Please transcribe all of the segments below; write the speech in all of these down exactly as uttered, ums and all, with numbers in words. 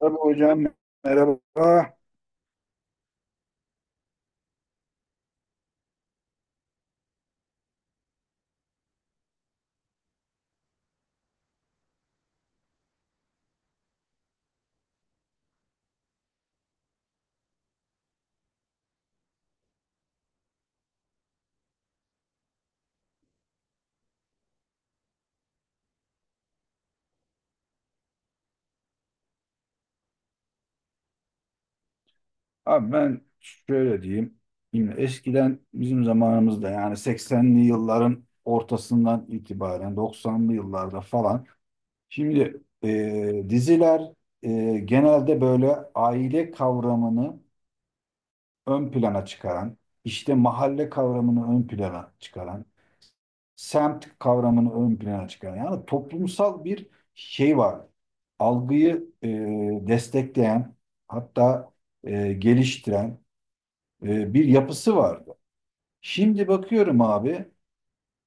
Tabii hocam merhaba. Abi ben şöyle diyeyim. Şimdi eskiden bizim zamanımızda yani seksenli yılların ortasından itibaren doksanlı yıllarda falan. Şimdi e, diziler e, genelde böyle aile kavramını ön plana çıkaran, işte mahalle kavramını ön plana çıkaran, semt kavramını ön plana çıkaran yani toplumsal bir şey var. Algıyı e, destekleyen, hatta e, geliştiren e, bir yapısı vardı. Şimdi bakıyorum abi,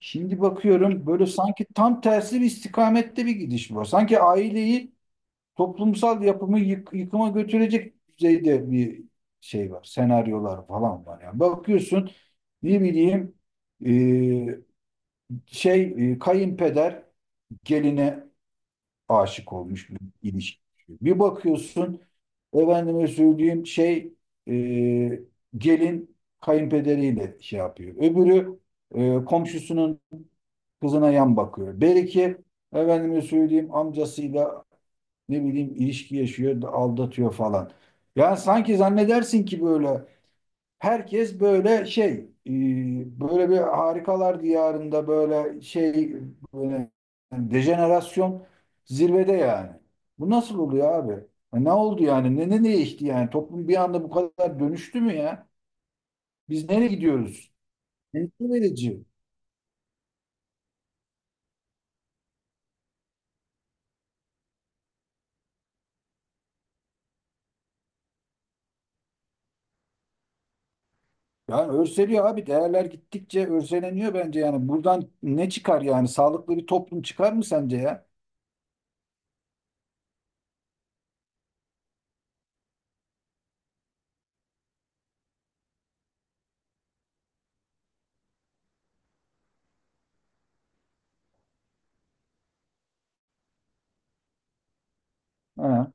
şimdi bakıyorum böyle sanki tam tersi bir istikamette bir gidiş var. Sanki aileyi toplumsal yapımı yık- yıkıma götürecek düzeyde bir şey var. Senaryolar falan var. Yani bakıyorsun, ne bileyim, e, şey, e, kayınpeder geline aşık olmuş bir ilişki. Bir bakıyorsun efendime söyleyeyim şey, e, gelin kayınpederiyle şey yapıyor. Öbürü e, komşusunun kızına yan bakıyor. Beriki efendime söyleyeyim amcasıyla, ne bileyim, ilişki yaşıyor, aldatıyor falan. Yani sanki zannedersin ki böyle herkes böyle şey, e, böyle bir harikalar diyarında, böyle şey, böyle yani dejenerasyon zirvede yani. Bu nasıl oluyor abi? Ya, ne oldu yani? Ne ne değişti yani? Toplum bir anda bu kadar dönüştü mü ya? Biz nereye gidiyoruz? Endişe verici. Yani örseliyor abi. Değerler gittikçe örseleniyor bence yani. Buradan ne çıkar yani? Sağlıklı bir toplum çıkar mı sence ya? Ha.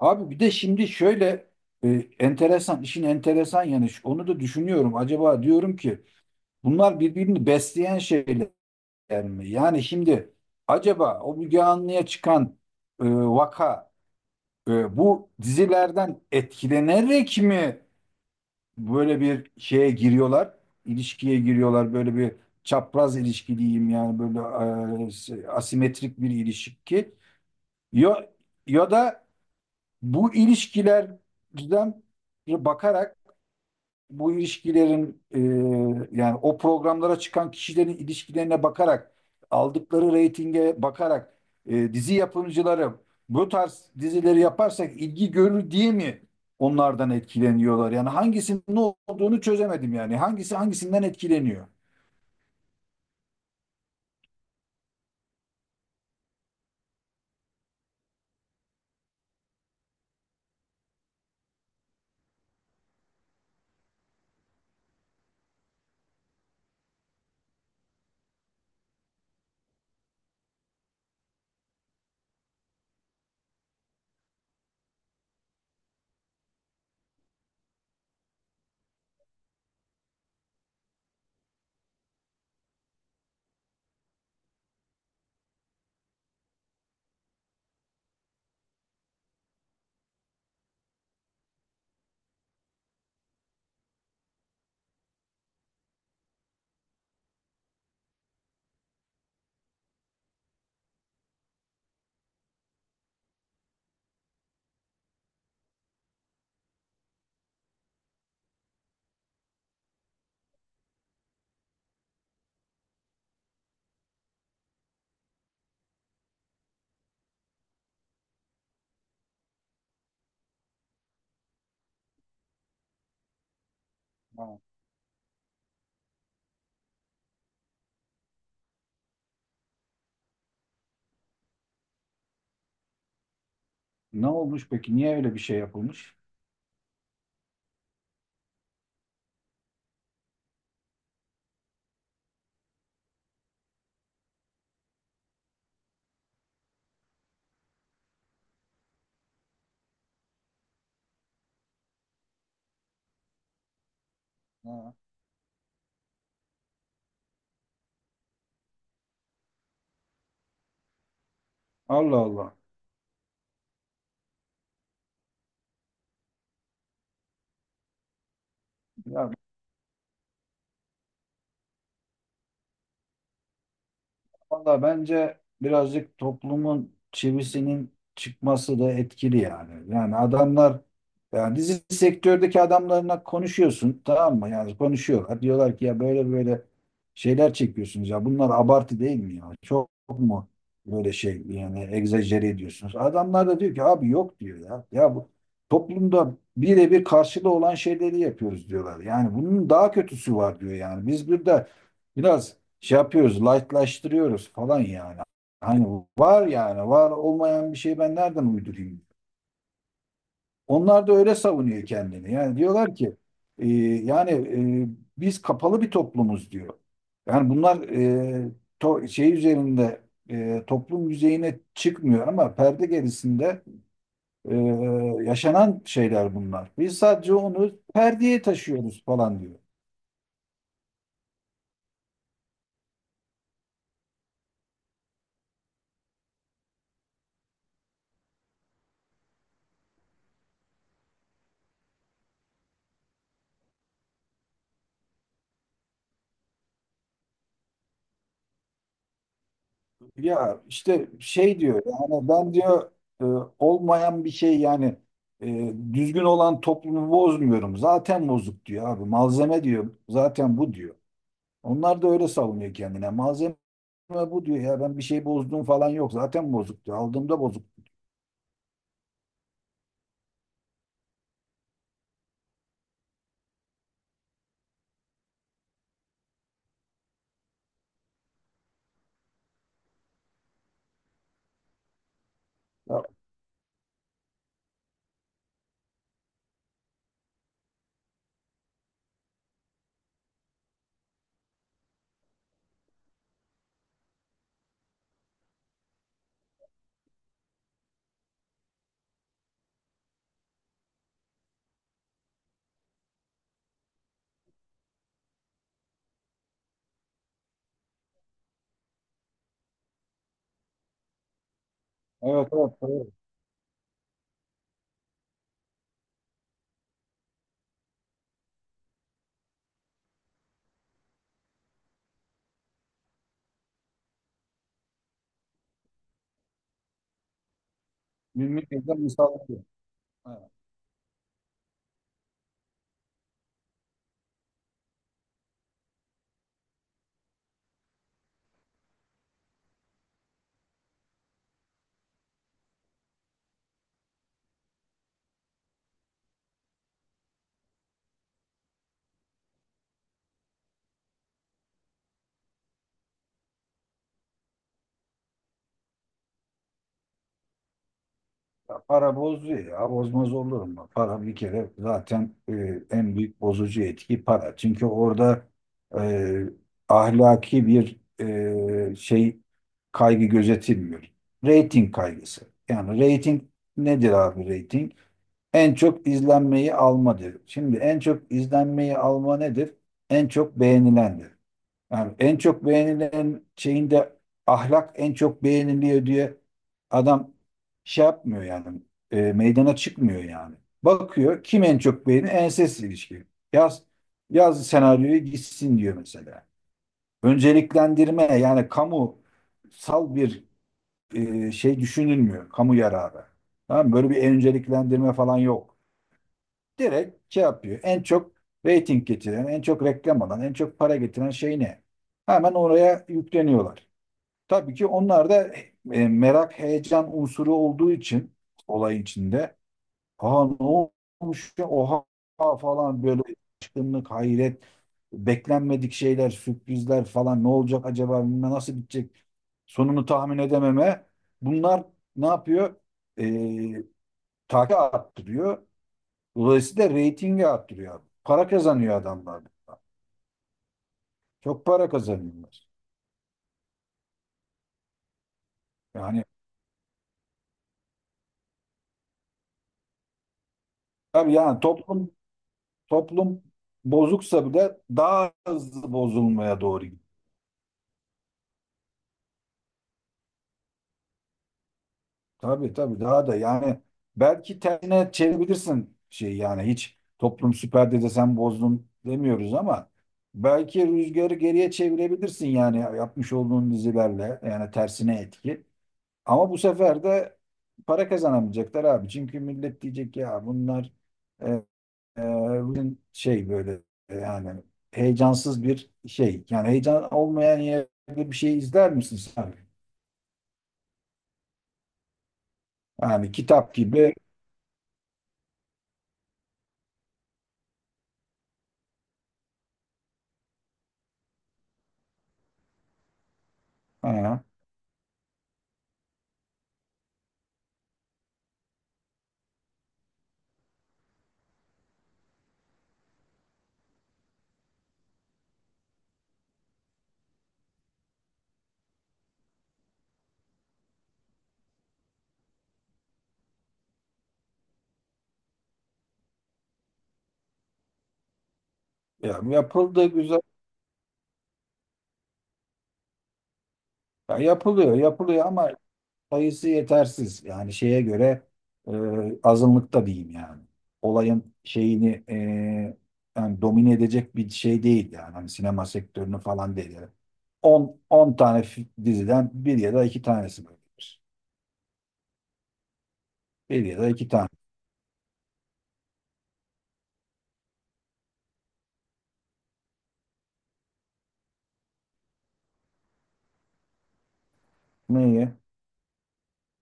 Abi bir de şimdi şöyle e, enteresan, işin enteresan yanı şu, onu da düşünüyorum. Acaba diyorum ki bunlar birbirini besleyen şeyler mi? Yani şimdi acaba o Müge Anlı'ya çıkan e, vaka e, bu dizilerden etkilenerek mi böyle bir şeye giriyorlar? İlişkiye giriyorlar, böyle bir çapraz ilişki diyeyim yani, böyle e, asimetrik bir ilişki. Ya, ya da bu ilişkilerden bakarak, bu ilişkilerin e, yani o programlara çıkan kişilerin ilişkilerine bakarak, aldıkları reytinge bakarak, e, dizi yapımcıları bu tarz dizileri yaparsak ilgi görür diye mi onlardan etkileniyorlar? Yani hangisinin ne olduğunu çözemedim yani. Hangisi hangisinden etkileniyor? Ha, ne olmuş peki? Niye öyle bir şey yapılmış? Ha. Allah Allah. Ya, valla bence birazcık toplumun çivisinin çıkması da etkili yani. Yani adamlar yani dizi sektördeki adamlarla konuşuyorsun, tamam mı? Yani konuşuyorlar. Diyorlar ki ya böyle böyle şeyler çekiyorsunuz ya. Bunlar abartı değil mi ya? Çok mu böyle şey yani egzajere ediyorsunuz? Adamlar da diyor ki abi, yok diyor ya. Ya bu toplumda birebir karşılığı olan şeyleri yapıyoruz diyorlar. Yani bunun daha kötüsü var diyor yani. Biz burada biraz şey yapıyoruz, lightlaştırıyoruz falan yani. Hani var yani, var olmayan bir şeyi ben nereden uydurayım? Onlar da öyle savunuyor kendini. Yani diyorlar ki e, yani e, biz kapalı bir toplumuz diyor. Yani bunlar e, to- şey üzerinde e, toplum yüzeyine çıkmıyor ama perde gerisinde e, yaşanan şeyler bunlar. Biz sadece onu perdeye taşıyoruz falan diyor. Ya işte şey diyor yani, ben diyor e, olmayan bir şey yani, e, düzgün olan toplumu bozmuyorum. Zaten bozuk diyor abi. Malzeme diyor. Zaten bu diyor. Onlar da öyle savunuyor kendine. Malzeme bu diyor, ya ben bir şey bozduğum falan yok. Zaten bozuk diyor. Aldığımda bozuk. Ya, evet, evet. Evet. Bilmiyorum. Misal. Ya, para bozuyor ya. Bozmaz olur mu? Para bir kere zaten e, en büyük bozucu etki para. Çünkü orada e, ahlaki bir e, şey kaygı gözetilmiyor. Rating kaygısı. Yani rating nedir abi, rating? En çok izlenmeyi almadır. Şimdi en çok izlenmeyi alma nedir? En çok beğenilendir. Yani en çok beğenilen şeyinde ahlak en çok beğeniliyor diye adam şey yapmıyor yani, e, meydana çıkmıyor yani. Bakıyor kim en çok beğeni, enses ilişki. Yaz, yaz senaryoyu gitsin diyor mesela. Önceliklendirme yani kamusal bir e, şey düşünülmüyor. Kamu yararı. Tamam mı? Böyle bir önceliklendirme falan yok. Direkt şey yapıyor. En çok rating getiren, en çok reklam alan, en çok para getiren şey ne? Hemen oraya yükleniyorlar. Tabii ki onlar da e, merak, heyecan unsuru olduğu için olay içinde. Aa, ne olmuş ya? Oha falan, böyle şaşkınlık, hayret, beklenmedik şeyler, sürprizler falan, ne olacak acaba, bilmem nasıl bitecek, sonunu tahmin edememe, bunlar ne yapıyor? E, takip arttırıyor. Dolayısıyla reytingi arttırıyor, abi. Para kazanıyor adamlar. Çok para kazanıyorlar. Yani abi, yani toplum, toplum bozuksa bile daha hızlı bozulmaya doğru gidiyor. Tabii, tabii, daha da yani belki tersine çevirebilirsin şey yani, hiç toplum süper dede sen bozdun demiyoruz ama belki rüzgarı geriye çevirebilirsin yani, yapmış olduğun dizilerle yani, tersine etki. Ama bu sefer de para kazanamayacaklar abi. Çünkü millet diyecek ya, bunlar e, e, bugün şey böyle e, yani heyecansız bir şey. Yani heyecan olmayan yerde bir şey izler misin sen? Yani kitap gibi. Ha, ya yapıldı güzel. Ya, yapılıyor, yapılıyor ama sayısı yetersiz. Yani şeye göre e, azınlıkta diyeyim yani. Olayın şeyini e, yani domine edecek bir şey değil yani. Hani sinema sektörünü falan değil. Yani on on tane fi- diziden bir ya da iki tanesi böyledir. Bir ya da iki tane. Neyi?